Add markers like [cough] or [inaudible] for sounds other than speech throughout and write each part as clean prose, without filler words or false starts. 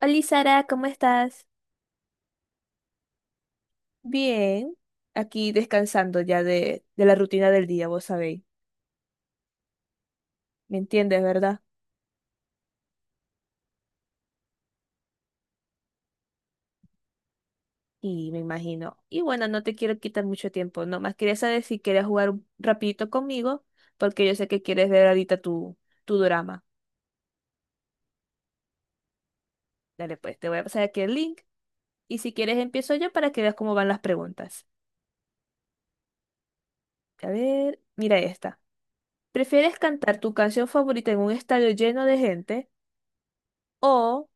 Hola Sara, ¿cómo estás? Bien, aquí descansando ya de la rutina del día, vos sabéis. ¿Me entiendes, verdad? Y me imagino. Y bueno, no te quiero quitar mucho tiempo. Nomás quería saber si quieres jugar un rapidito conmigo, porque yo sé que quieres ver ahorita tu drama. Dale, pues, te voy a pasar aquí el link. Y si quieres, empiezo yo para que veas cómo van las preguntas. A ver, mira esta. ¿Prefieres cantar tu canción favorita en un estadio lleno de gente o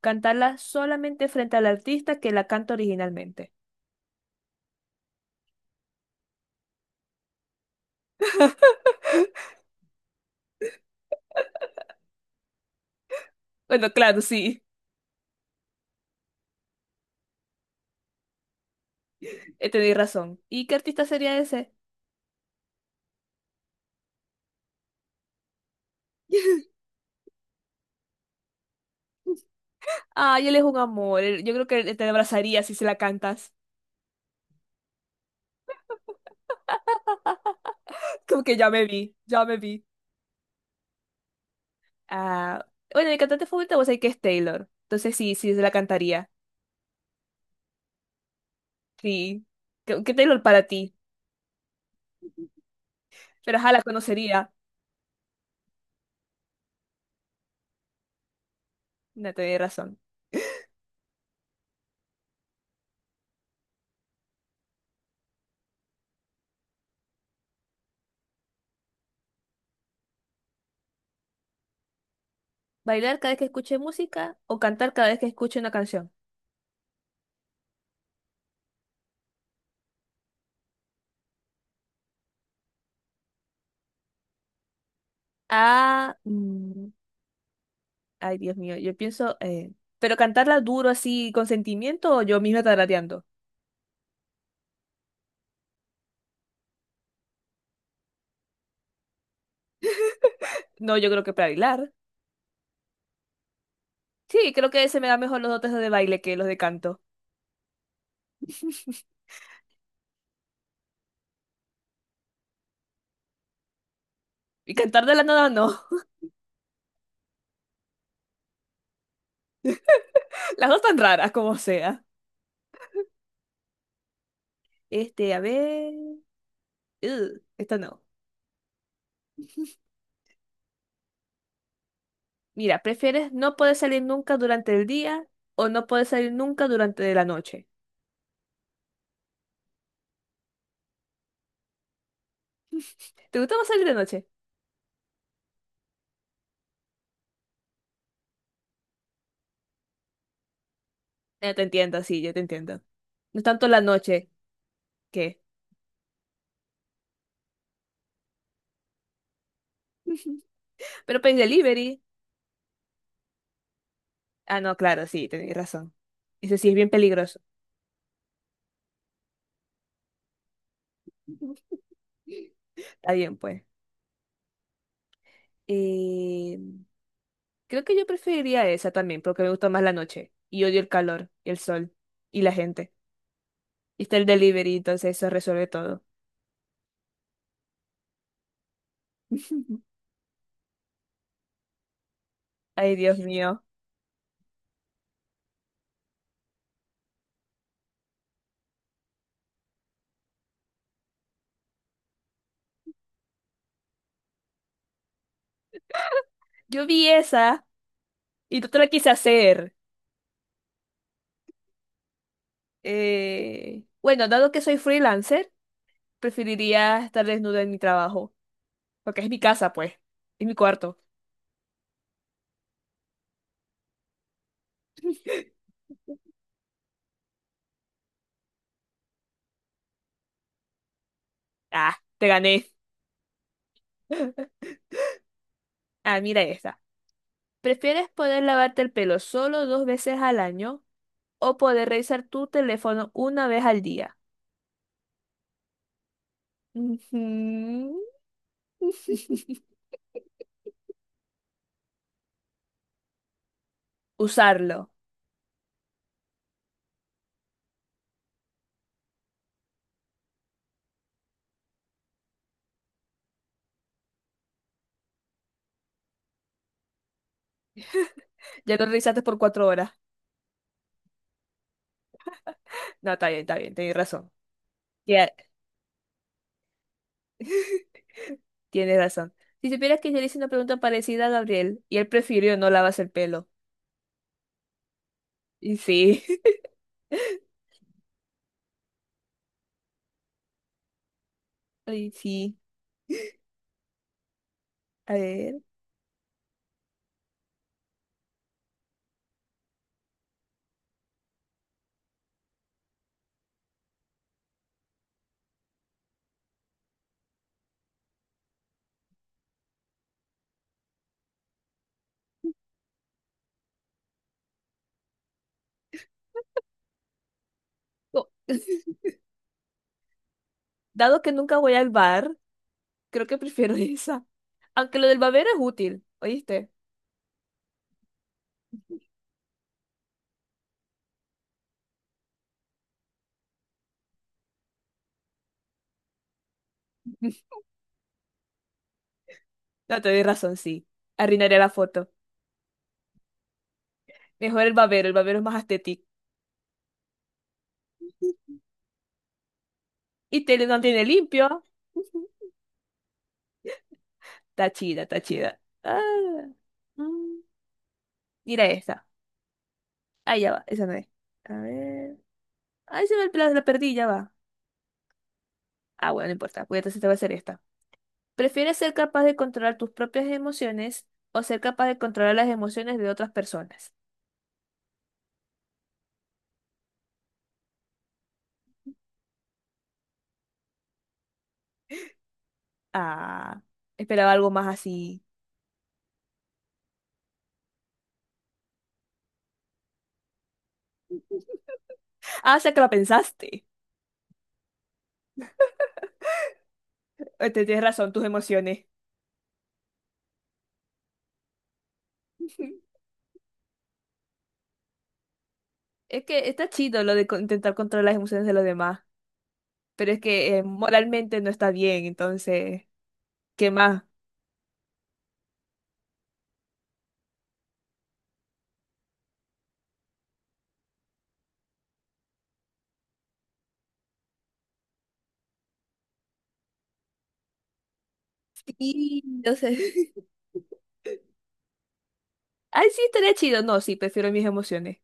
cantarla solamente frente al artista que la canta originalmente? Bueno, claro, sí, tenéis razón. ¿Y qué artista sería ese? [laughs] Ay, él es un amor. Yo creo que él te abrazaría si se la cantas. [laughs] Como que ya me vi, ya me vi. Ah, bueno, mi cantante favorita vos sabés que es Taylor. Entonces sí, sí, se la cantaría. Sí. ¿Qué Taylor para ti? Pero ajá, la conocería. No, tenés razón. ¿Bailar cada vez que escuche música o cantar cada vez que escuche una canción? Ah, ay, Dios mío, yo pienso, pero cantarla duro así con sentimiento o yo misma tarareando. No, yo creo que para bailar. Sí, creo que se me da mejor los dotes de baile que los de canto. Y cantar de la nada no. [laughs] Las dos tan raras como sea. Este, a ver. Ugh, esta no. Mira, ¿prefieres no poder salir nunca durante el día o no poder salir nunca durante la noche? ¿Te gusta más salir de noche? Ya te entiendo, sí, yo te entiendo. No es tanto la noche que. [laughs] Pero Pay Delivery. Ah, no, claro, sí, tenéis razón. Ese sí es bien peligroso. [laughs] Está bien, pues. Eh, Creo que yo preferiría esa también, porque me gusta más la noche. Y odio el calor, y el sol, y la gente. Y está el delivery, entonces eso resuelve todo. [laughs] Ay, Dios mío. Yo vi esa y no te la quise hacer. Bueno, dado que soy freelancer, preferiría estar desnuda en mi trabajo, porque es mi casa, pues. Es mi cuarto. Ah, te gané. Ah, mira esta. ¿Prefieres poder lavarte el pelo solo dos veces al año o poder revisar tu teléfono una vez al día? Ujú. [laughs] Usarlo. Ya lo revisaste por 4 horas. No, está bien, tienes razón. Ya. [laughs] Tienes razón. Si supieras que yo le hice una pregunta parecida a Gabriel y él prefirió no lavarse el pelo. Y sí. [laughs] Y sí. A ver. Oh. [laughs] Dado que nunca voy al bar, creo que prefiero [laughs] esa. Aunque lo del babero es útil, ¿oíste? [laughs] No, te doy razón, sí. Arruinaré la foto. Mejor el babero es más estético. Y te lo mantiene limpio. Ujú. Está chida, está chida. Ah, mm. Mira esta. Ahí ya va, esa no es. A ver. Ahí se ve el plazo, la perdí, ya va. Ah, bueno, no importa. Pues entonces te va a hacer esta. ¿Prefieres ser capaz de controlar tus propias emociones o ser capaz de controlar las emociones de otras personas? Ah, esperaba algo más así. Ah, o sea que lo pensaste. Te tienes razón, tus emociones. [laughs] Es que está chido lo de intentar controlar las emociones de los demás, pero es que moralmente no está bien, entonces, ¿qué más? Sí, no sé. [laughs] Ay, sí, estaría chido. No, sí, prefiero mis emociones.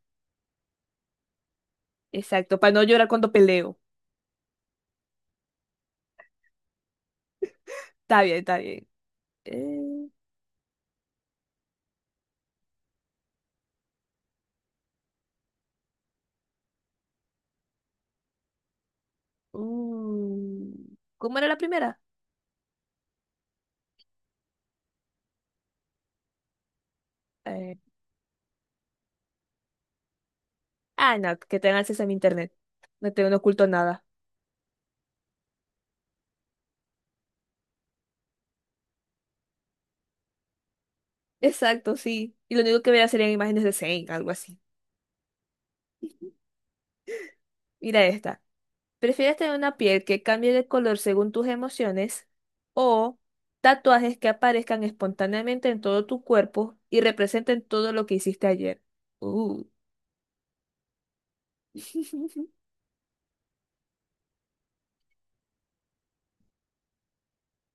Exacto, para no llorar cuando peleo. Está bien, está bien. Eh, mm, ¿Cómo era la primera? Eh, no, que tengan acceso a mi internet. No tengo, no oculto nada. Exacto, sí. Y lo único que voy a hacer serían imágenes de Zane, algo así. Mira esta. ¿Prefieres tener una piel que cambie de color según tus emociones o tatuajes que aparezcan espontáneamente en todo tu cuerpo y representen todo lo que hiciste ayer? Uh. [laughs]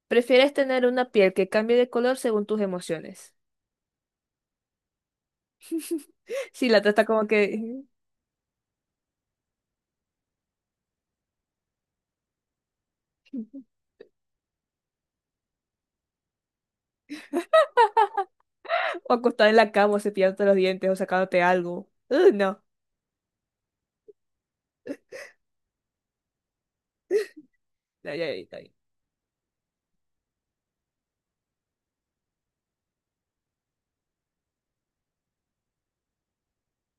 ¿Prefieres tener una piel que cambie de color según tus emociones? [laughs] Sí, la trata como que... [laughs] O acostada en la cama, o cepillándote los dientes, o sacándote algo. No. No, ya, ya, ya.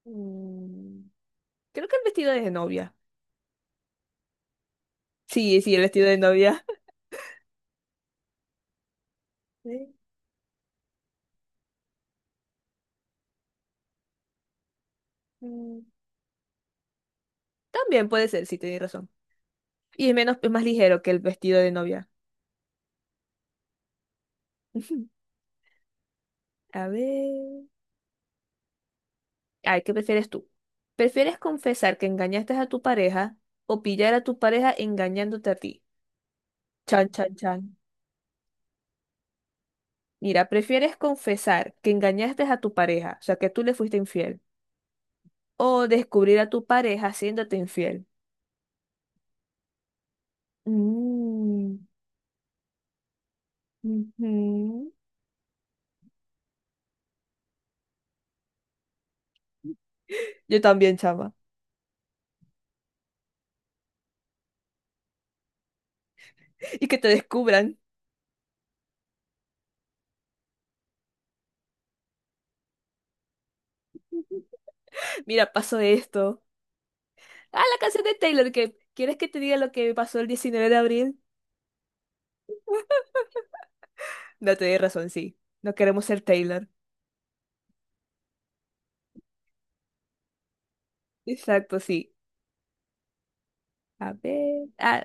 Mm, Creo que el vestido de novia. Sí, sí, el vestido de novia. [laughs] Sí. Mm, También puede ser, sí, tienes razón. Y es menos, es más ligero que el vestido de novia. [laughs] A ver. Ay, ¿qué prefieres tú? ¿Prefieres confesar que engañaste a tu pareja o pillar a tu pareja engañándote a ti? Chan, chan, chan. Mira, ¿prefieres confesar que engañaste a tu pareja, o sea, que tú le fuiste infiel, o descubrir a tu pareja haciéndote infiel? Mm, ujú. Yo también, chama. Y que te descubran. [laughs] Mira, pasó esto. Ah, la canción de Taylor, que ¿quieres que te diga lo que pasó el 19 de abril? No, tenéis razón, sí. No queremos ser Taylor. Exacto, sí. A ver. Ah,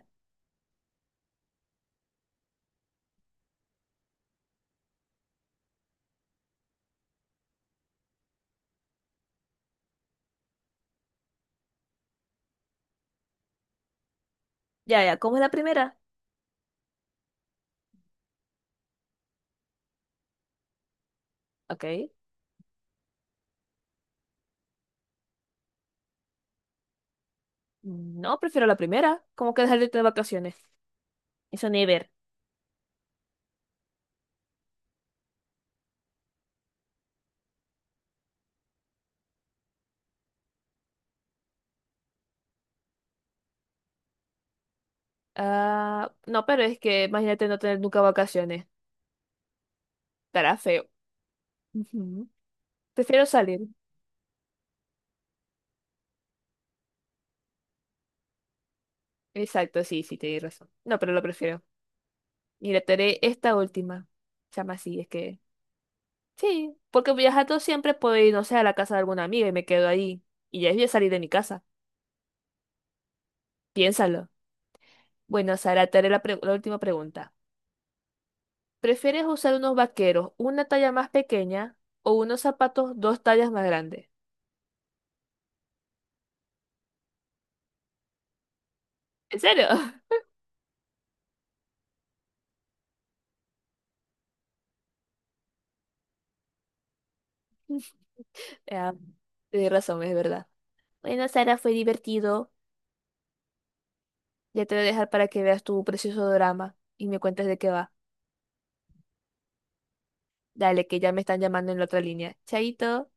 ya, ya. ¿Cómo es la primera? Ok. No, prefiero la primera. ¿Cómo que dejar de tener vacaciones? Eso ni ver. Ah, no, pero es que imagínate no tener nunca vacaciones. Estará feo. Ujú. Prefiero salir. Exacto, sí, sí, tenéis razón. No, pero lo prefiero. Y le daré esta última. Se llama así, es que. Sí, porque viajando siempre puedo ir, no sé, a la casa de alguna amiga y me quedo ahí. Y ya es bien salir de mi casa. Piénsalo. Bueno, Sara, te haré la última pregunta. ¿Prefieres usar unos vaqueros una talla más pequeña o unos zapatos dos tallas más grandes? ¿En serio? [laughs] Ya, tienes razón, es verdad. Bueno, Sara, fue divertido. Ya te voy a dejar para que veas tu precioso drama y me cuentes de qué va. Dale, que ya me están llamando en la otra línea. Chaito.